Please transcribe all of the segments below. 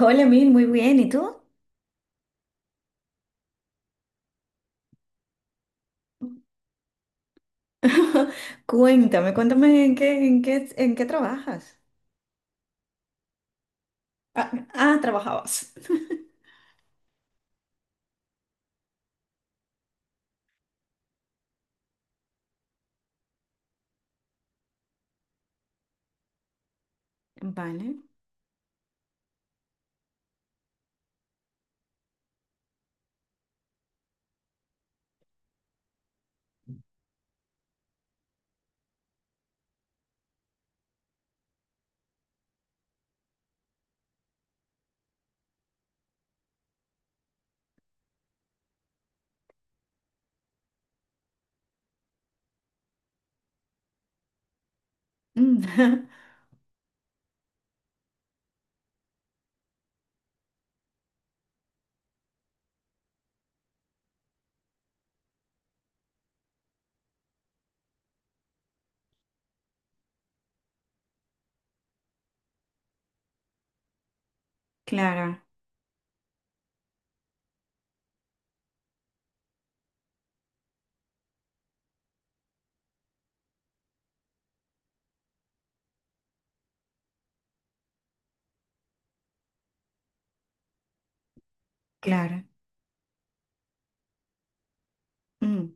Hola, Mil, muy bien. ¿Y tú? Cuéntame, en qué trabajas. ¿Trabajabas? Vale. Mm. Claro, claro. Mm,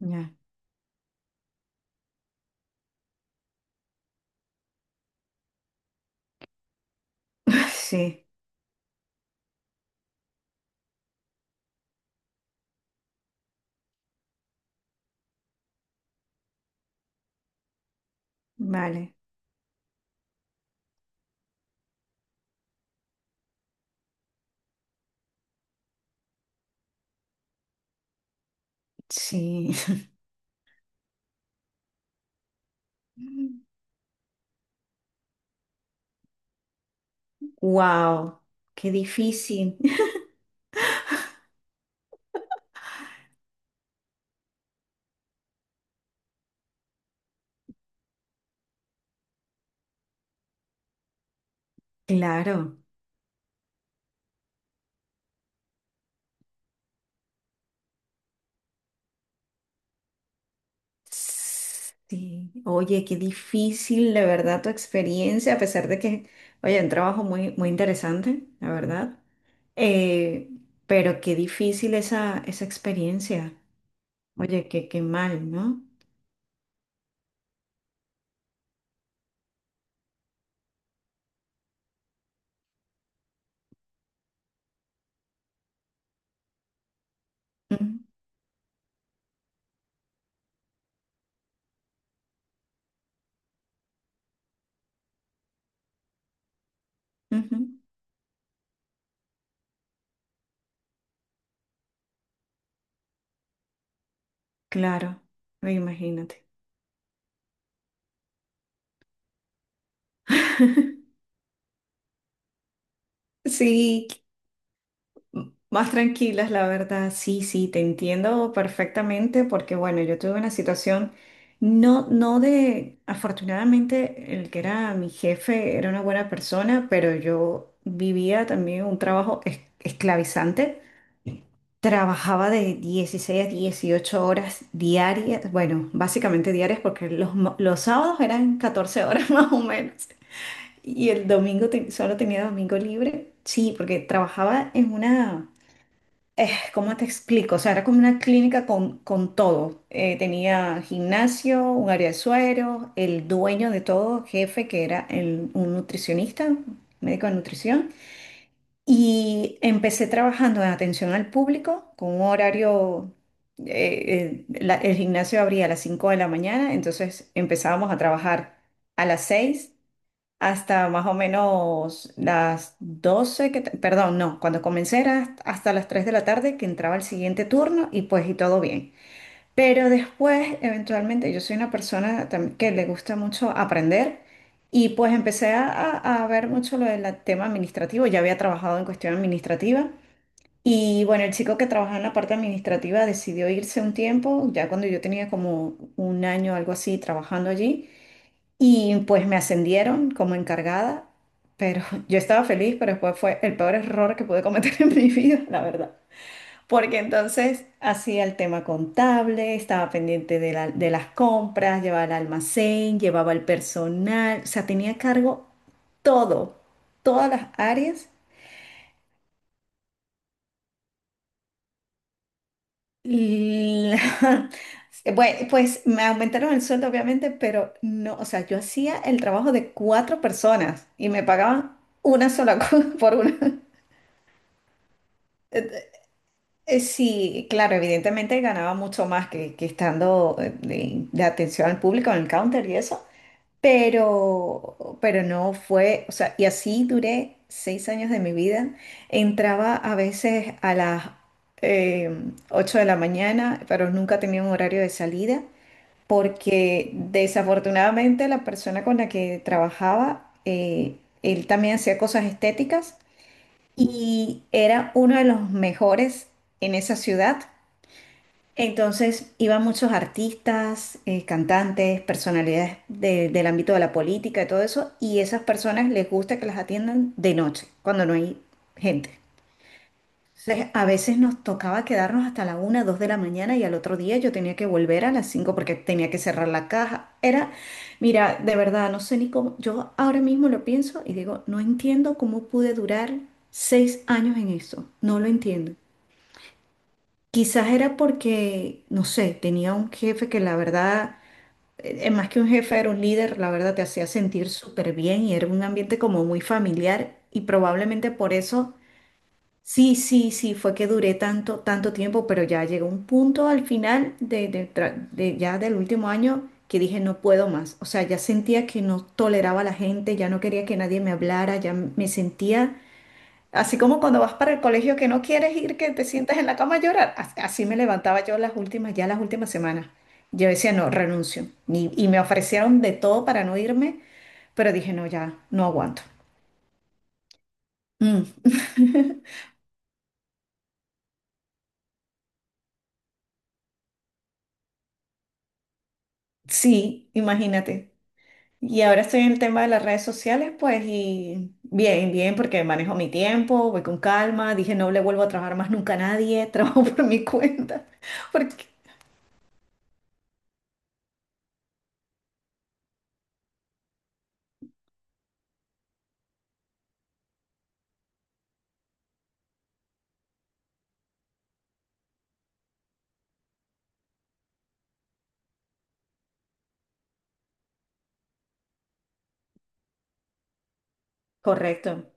ya. Sí, vale. Sí. Wow, qué difícil. Claro. Sí. Oye, qué difícil, de verdad, tu experiencia, a pesar de que, oye, un trabajo muy, muy interesante, la verdad. Eh, pero qué difícil esa experiencia. Oye, qué, qué mal, ¿no? Ujú, ujú. Claro, imagínate. Sí, más tranquilas, la verdad. Sí, sí, te entiendo perfectamente porque, bueno, yo tuve una situación, no, no de, afortunadamente, el que era mi jefe era una buena persona, pero yo vivía también un trabajo esclavizante. Trabajaba de 16 a 18 horas diarias, bueno, básicamente diarias porque los sábados eran 14 horas más o menos, y el solo tenía domingo libre. Sí, porque trabajaba en una, ¿cómo te explico? O sea, era como una clínica con todo. Tenía gimnasio, un área de suero, el dueño de todo, jefe, que era un nutricionista, médico de nutrición, y empecé trabajando en atención al público con un horario, el gimnasio abría a las 5 de la mañana, entonces empezábamos a trabajar a las 6 hasta más o menos las 12 que, perdón, no, cuando comencé era hasta las 3 de la tarde que entraba el siguiente turno, y pues y todo bien. Pero después, eventualmente, yo soy una persona que le gusta mucho aprender, y pues empecé a ver mucho lo del tema administrativo. Ya había trabajado en cuestión administrativa, y bueno, el chico que trabajaba en la parte administrativa decidió irse un tiempo, ya cuando yo tenía como un año o algo así trabajando allí, y pues me ascendieron como encargada, pero yo estaba feliz. Pero después fue el peor error que pude cometer en mi vida, la verdad. Porque entonces hacía el tema contable, estaba pendiente de, de las compras, llevaba el almacén, llevaba el personal, o sea, tenía a cargo todo, todas las áreas. Y la- Bue- pues me aumentaron el sueldo, obviamente, pero no, o sea, yo hacía el trabajo de cuatro personas y me pagaban una sola cosa por una. Sí, claro, evidentemente ganaba mucho más que estando de atención al público en el counter y eso. Pero no fue, o sea, y así duré 6 años de mi vida. Entraba a veces a las eh, 8 de la mañana, pero nunca tenía un horario de salida, porque desafortunadamente la persona con la que trabajaba, él también hacía cosas estéticas y era uno de los mejores en esa ciudad. Entonces iban muchos artistas, cantantes, personalidades del ámbito de la política y todo eso, y esas personas les gusta que las atiendan de noche, cuando no hay gente. Entonces, a veces nos tocaba quedarnos hasta la 1, 2 de la mañana y al otro día yo tenía que volver a las 5 porque tenía que cerrar la caja. Era, mira, de verdad, no sé ni cómo, yo ahora mismo lo pienso y digo, no entiendo cómo pude durar 6 años en eso, no lo entiendo. Quizás era porque, no sé, tenía un jefe que la verdad, más que un jefe, era un líder, la verdad te hacía sentir súper bien y era un ambiente como muy familiar, y probablemente por eso, sí, sí, sí, fue que duré tanto, tanto tiempo. Pero ya llegó un punto al final de ya del último año que dije no puedo más, o sea, ya sentía que no toleraba a la gente, ya no quería que nadie me hablara, ya me sentía así como cuando vas para el colegio que no quieres ir, que te sientas en la cama a llorar. Así me levantaba yo las últimas, ya las últimas semanas. Yo decía, no, renuncio. Y me ofrecieron de todo para no irme, pero dije, no, ya, no aguanto. Mm. Sí, imagínate. Y ahora estoy en el tema de las redes sociales, pues, y bien, bien, porque manejo mi tiempo, voy con calma. Dije, no le vuelvo a trabajar más nunca a nadie, trabajo por mi cuenta. Porque... Correcto.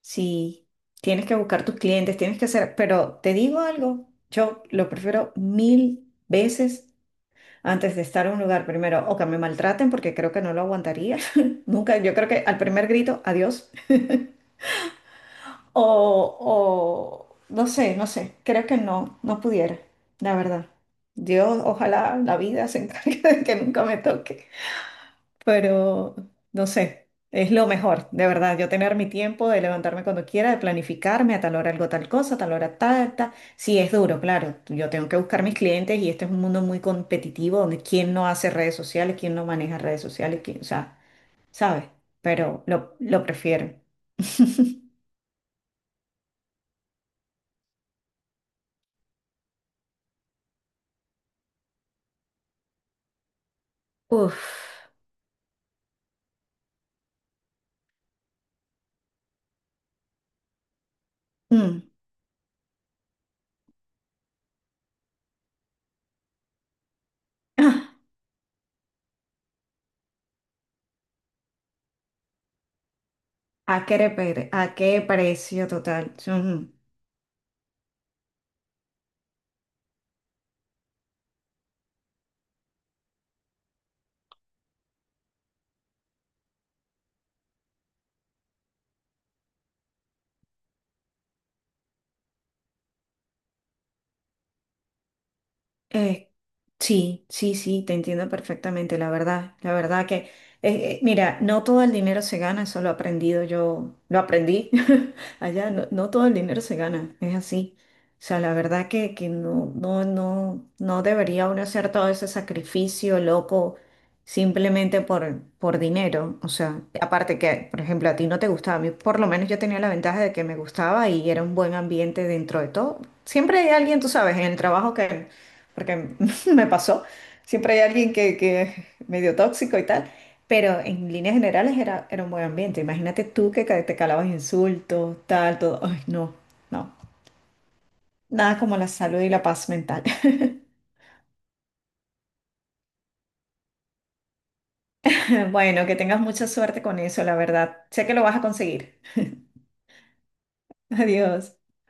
Sí, tienes que buscar tus clientes, tienes que hacer, pero te digo algo, yo lo prefiero 1000 veces antes de estar en un lugar primero, o que me maltraten porque creo que no lo aguantaría, nunca, yo creo que al primer grito, adiós, o no sé, no sé, creo que no, no pudiera, la verdad. Dios, ojalá la vida se encargue de que nunca me toque. Pero no sé, es lo mejor, de verdad, yo tener mi tiempo de levantarme cuando quiera, de planificarme a tal hora algo, tal cosa, a tal hora tal, tal. Sí, es duro, claro, yo tengo que buscar mis clientes y este es un mundo muy competitivo donde quién no hace redes sociales, quién no maneja redes sociales, quién, o sea, ¿sabes? Pero lo prefiero. Uf. Mm. Ah, ¿a qué, a qué precio total? Ujú. Eh, sí, sí, sí, te entiendo perfectamente, la verdad que, mira, no todo el dinero se gana, eso lo he aprendido yo, lo aprendí allá, no, no todo el dinero se gana, es así. O sea, la verdad que no, no, no, no debería uno hacer todo ese sacrificio loco simplemente por dinero. O sea, aparte que, por ejemplo, a ti no te gustaba, a mí por lo menos yo tenía la ventaja de que me gustaba y era un buen ambiente dentro de todo. Siempre hay alguien, tú sabes, en el trabajo que porque me pasó. Siempre hay alguien que es medio tóxico y tal, pero en líneas generales era, era un buen ambiente. Imagínate tú que te calabas insultos, tal, todo. Ay, no, no. Nada como la salud y la paz mental. Bueno, que tengas mucha suerte con eso, la verdad. Sé que lo vas a conseguir. Adiós.